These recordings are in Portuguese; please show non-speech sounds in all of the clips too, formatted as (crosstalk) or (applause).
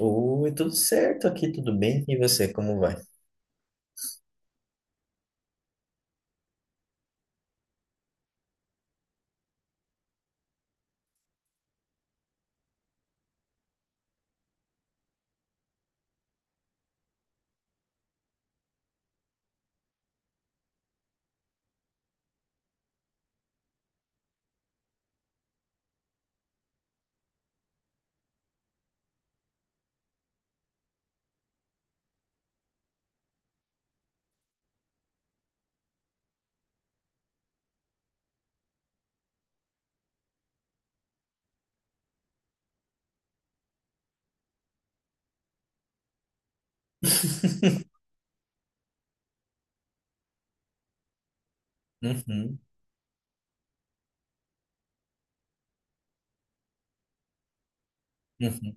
Oi, tudo certo aqui, tudo bem? E você, como vai? (laughs) Uhum, uhum.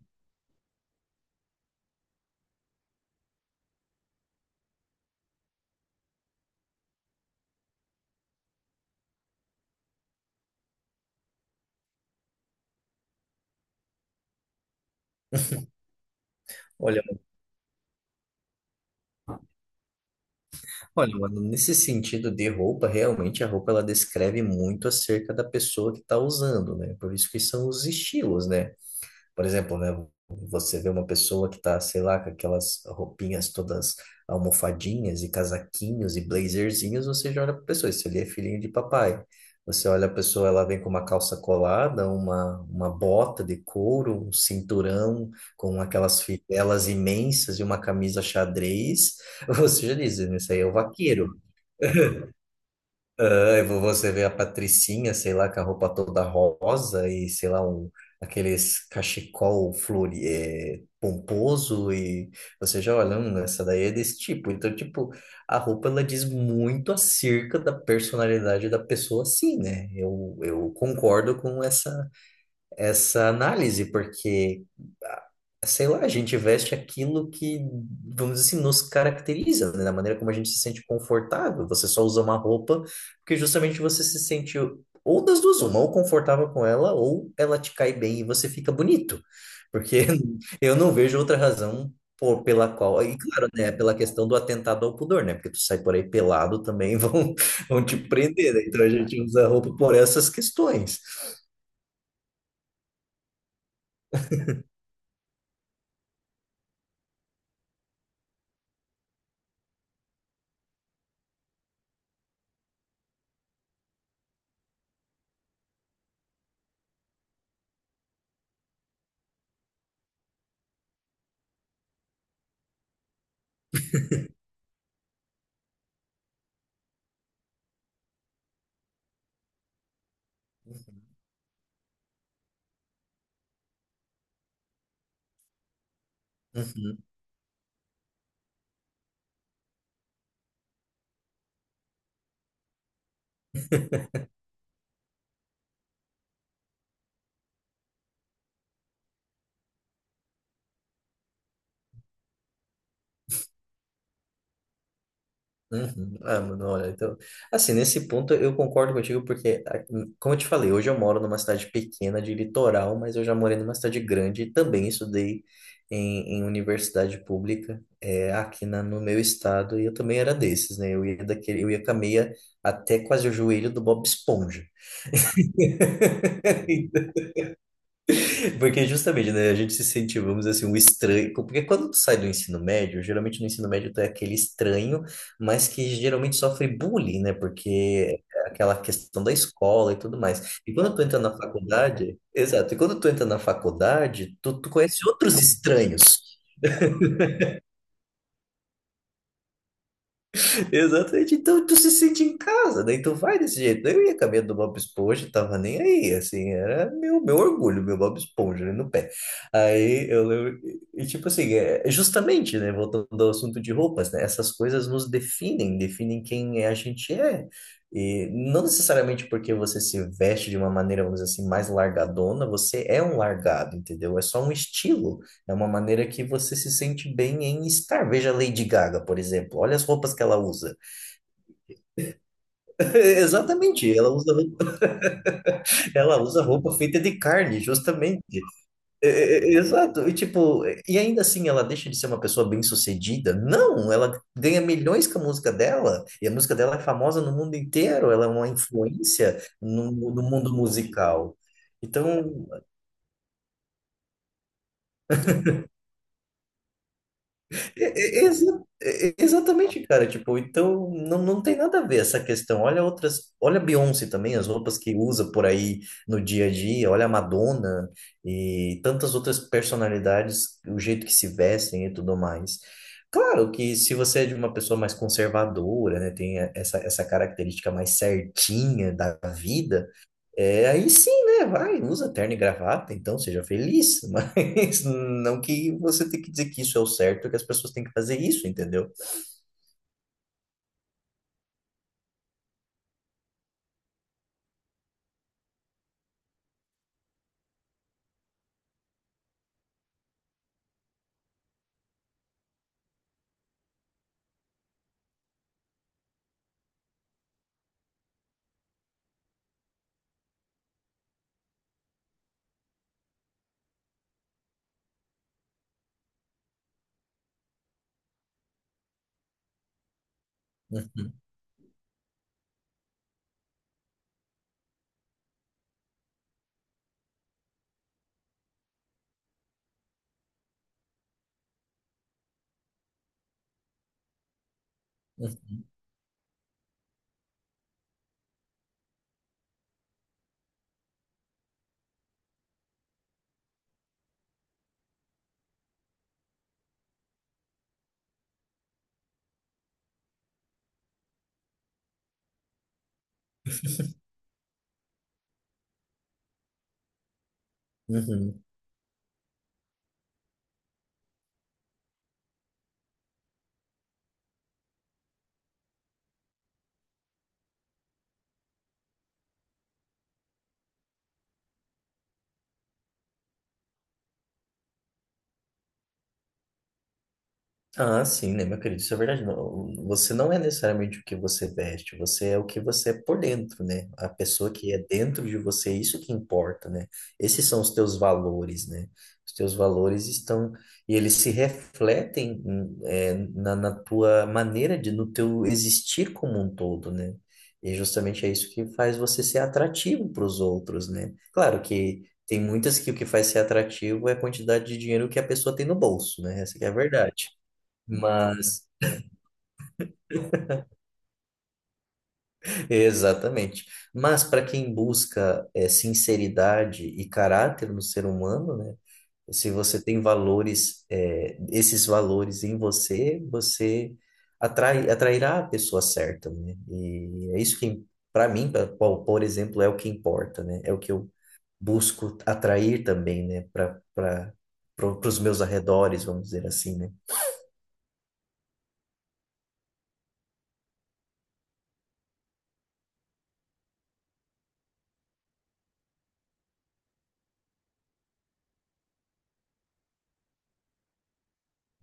Olha, mano, nesse sentido de roupa, realmente a roupa ela descreve muito acerca da pessoa que está usando, né? Por isso que são os estilos, né? Por exemplo, né, você vê uma pessoa que tá, sei lá, com aquelas roupinhas todas almofadinhas e casaquinhos e blazerzinhos, você já olha pra pessoa, isso ali é filhinho de papai. Você olha a pessoa, ela vem com uma calça colada, uma bota de couro, um cinturão com aquelas fivelas imensas e uma camisa xadrez, (laughs) você já diz, isso aí é o vaqueiro. Ah, você vê a Patricinha, sei lá, com a roupa toda rosa e, sei lá, um, aqueles cachecol flori, é, pomposo e você já olha, essa daí é desse tipo. Então, tipo, a roupa, ela diz muito acerca da personalidade da pessoa, sim, né? Eu concordo com essa análise, porque, ah, sei lá, a gente veste aquilo que, vamos dizer assim, nos caracteriza, né? Da maneira como a gente se sente confortável. Você só usa uma roupa porque justamente você se sente ou das duas, uma, ou confortável com ela, ou ela te cai bem e você fica bonito. Porque (laughs) eu não vejo outra razão pela qual. E claro, né? Pela questão do atentado ao pudor, né? Porque tu sai por aí pelado também (laughs) vão te prender, né? Então a gente usa a roupa por essas questões. Uhum. Uhum. Ah, mano, olha, então, assim, nesse ponto eu concordo contigo, porque, ah, como eu te falei, hoje eu moro numa cidade pequena de litoral, mas eu já morei numa cidade grande e também estudei em, em universidade pública, é, aqui na, no meu estado, e eu também era desses, né? Eu ia daquele, eu ia com a meia até quase o joelho do Bob Esponja. (laughs) (laughs) Porque justamente, né, a gente se sente, vamos dizer assim, um estranho. Porque quando tu sai do ensino médio, geralmente no ensino médio tu é aquele estranho, mas que geralmente sofre bullying, né? Porque é aquela questão da escola e tudo mais. E quando tu entra na faculdade, exato, e quando tu entra na faculdade, tu conhece outros estranhos. Exatamente. Então tu se sente em casa, né, então vai desse jeito. Eu ia caminhando do Bob Esponja, tava nem aí, assim, era meu orgulho, meu Bob Esponja ali no pé. Aí eu lembro, e tipo assim, é, é justamente, né, voltando ao assunto de roupas, né, essas coisas nos definem, definem quem é, a gente é. E não necessariamente porque você se veste de uma maneira, vamos dizer assim, mais largadona, você é um largado, entendeu? É só um estilo, é uma maneira que você se sente bem em estar. Veja a Lady Gaga, por exemplo. Olha as roupas que ela usa. (laughs) Exatamente, ela usa roupa feita de carne, justamente. Exato. E tipo, e ainda assim ela deixa de ser uma pessoa bem-sucedida? Não, ela ganha milhões com a música dela, e a música dela é famosa no mundo inteiro, ela é uma influência no mundo musical. Então, exatamente, cara. Tipo, então não tem nada a ver essa questão. Olha outras, olha a Beyoncé também, as roupas que usa por aí no dia a dia, olha a Madonna e tantas outras personalidades, o jeito que se vestem e tudo mais. Claro que se você é de uma pessoa mais conservadora, né, tem essa característica mais certinha da vida. É, aí sim, né? Vai, usa terno e gravata, então seja feliz, (laughs) mas não que você tenha que dizer que isso é o certo, que as pessoas têm que fazer isso, entendeu? Uhum, uhum, uhum. Ah, sim, né, meu querido? Isso é verdade. Não, você não é necessariamente o que você veste, você é o que você é por dentro, né? A pessoa que é dentro de você, é isso que importa, né? Esses são os teus valores, né? Os teus valores estão e eles se refletem é, na tua maneira de, no teu existir como um todo, né? E justamente é isso que faz você ser atrativo para os outros, né? Claro que tem muitas que o que faz ser atrativo é a quantidade de dinheiro que a pessoa tem no bolso, né? Essa que é a verdade. Mas, exatamente. Mas para quem busca é, sinceridade e caráter no ser humano, né? Se você tem valores, é, esses valores em você, você atrairá a pessoa certa, né? E é isso que, para mim, por exemplo, é o que importa, né? É o que eu busco atrair também, né? Para os meus arredores, vamos dizer assim, né?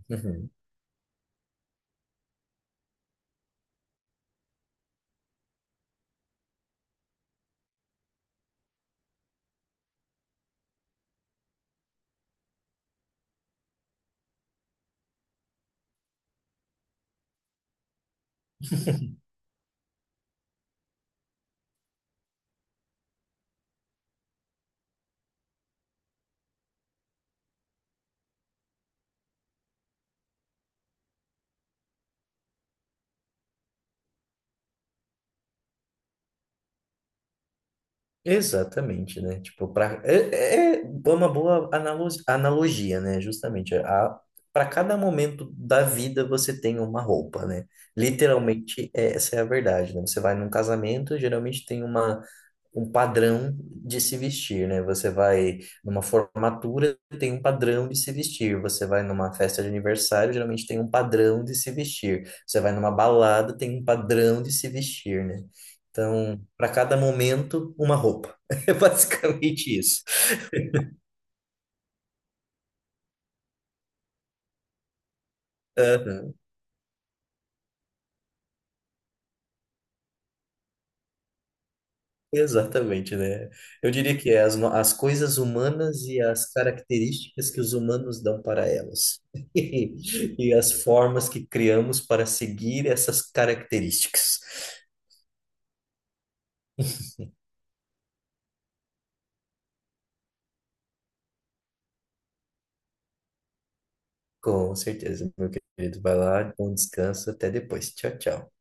Uhum. (laughs) Exatamente, né? Tipo, pra, é uma boa analogia, né? Justamente, a, para cada momento da vida você tem uma roupa, né? Literalmente, essa é a verdade, né? Você vai num casamento, geralmente tem uma um padrão de se vestir, né? Você vai numa formatura, tem um padrão de se vestir. Você vai numa festa de aniversário, geralmente tem um padrão de se vestir. Você vai numa balada, tem um padrão de se vestir, né? Então, para cada momento, uma roupa. (laughs) É basicamente isso. Aham. Exatamente, né? Eu diria que é as, no- as coisas humanas e as características que os humanos dão para elas. (laughs) E as formas que criamos para seguir essas características. Com certeza, meu querido. Vai lá, bom descanso, até depois. Tchau, tchau.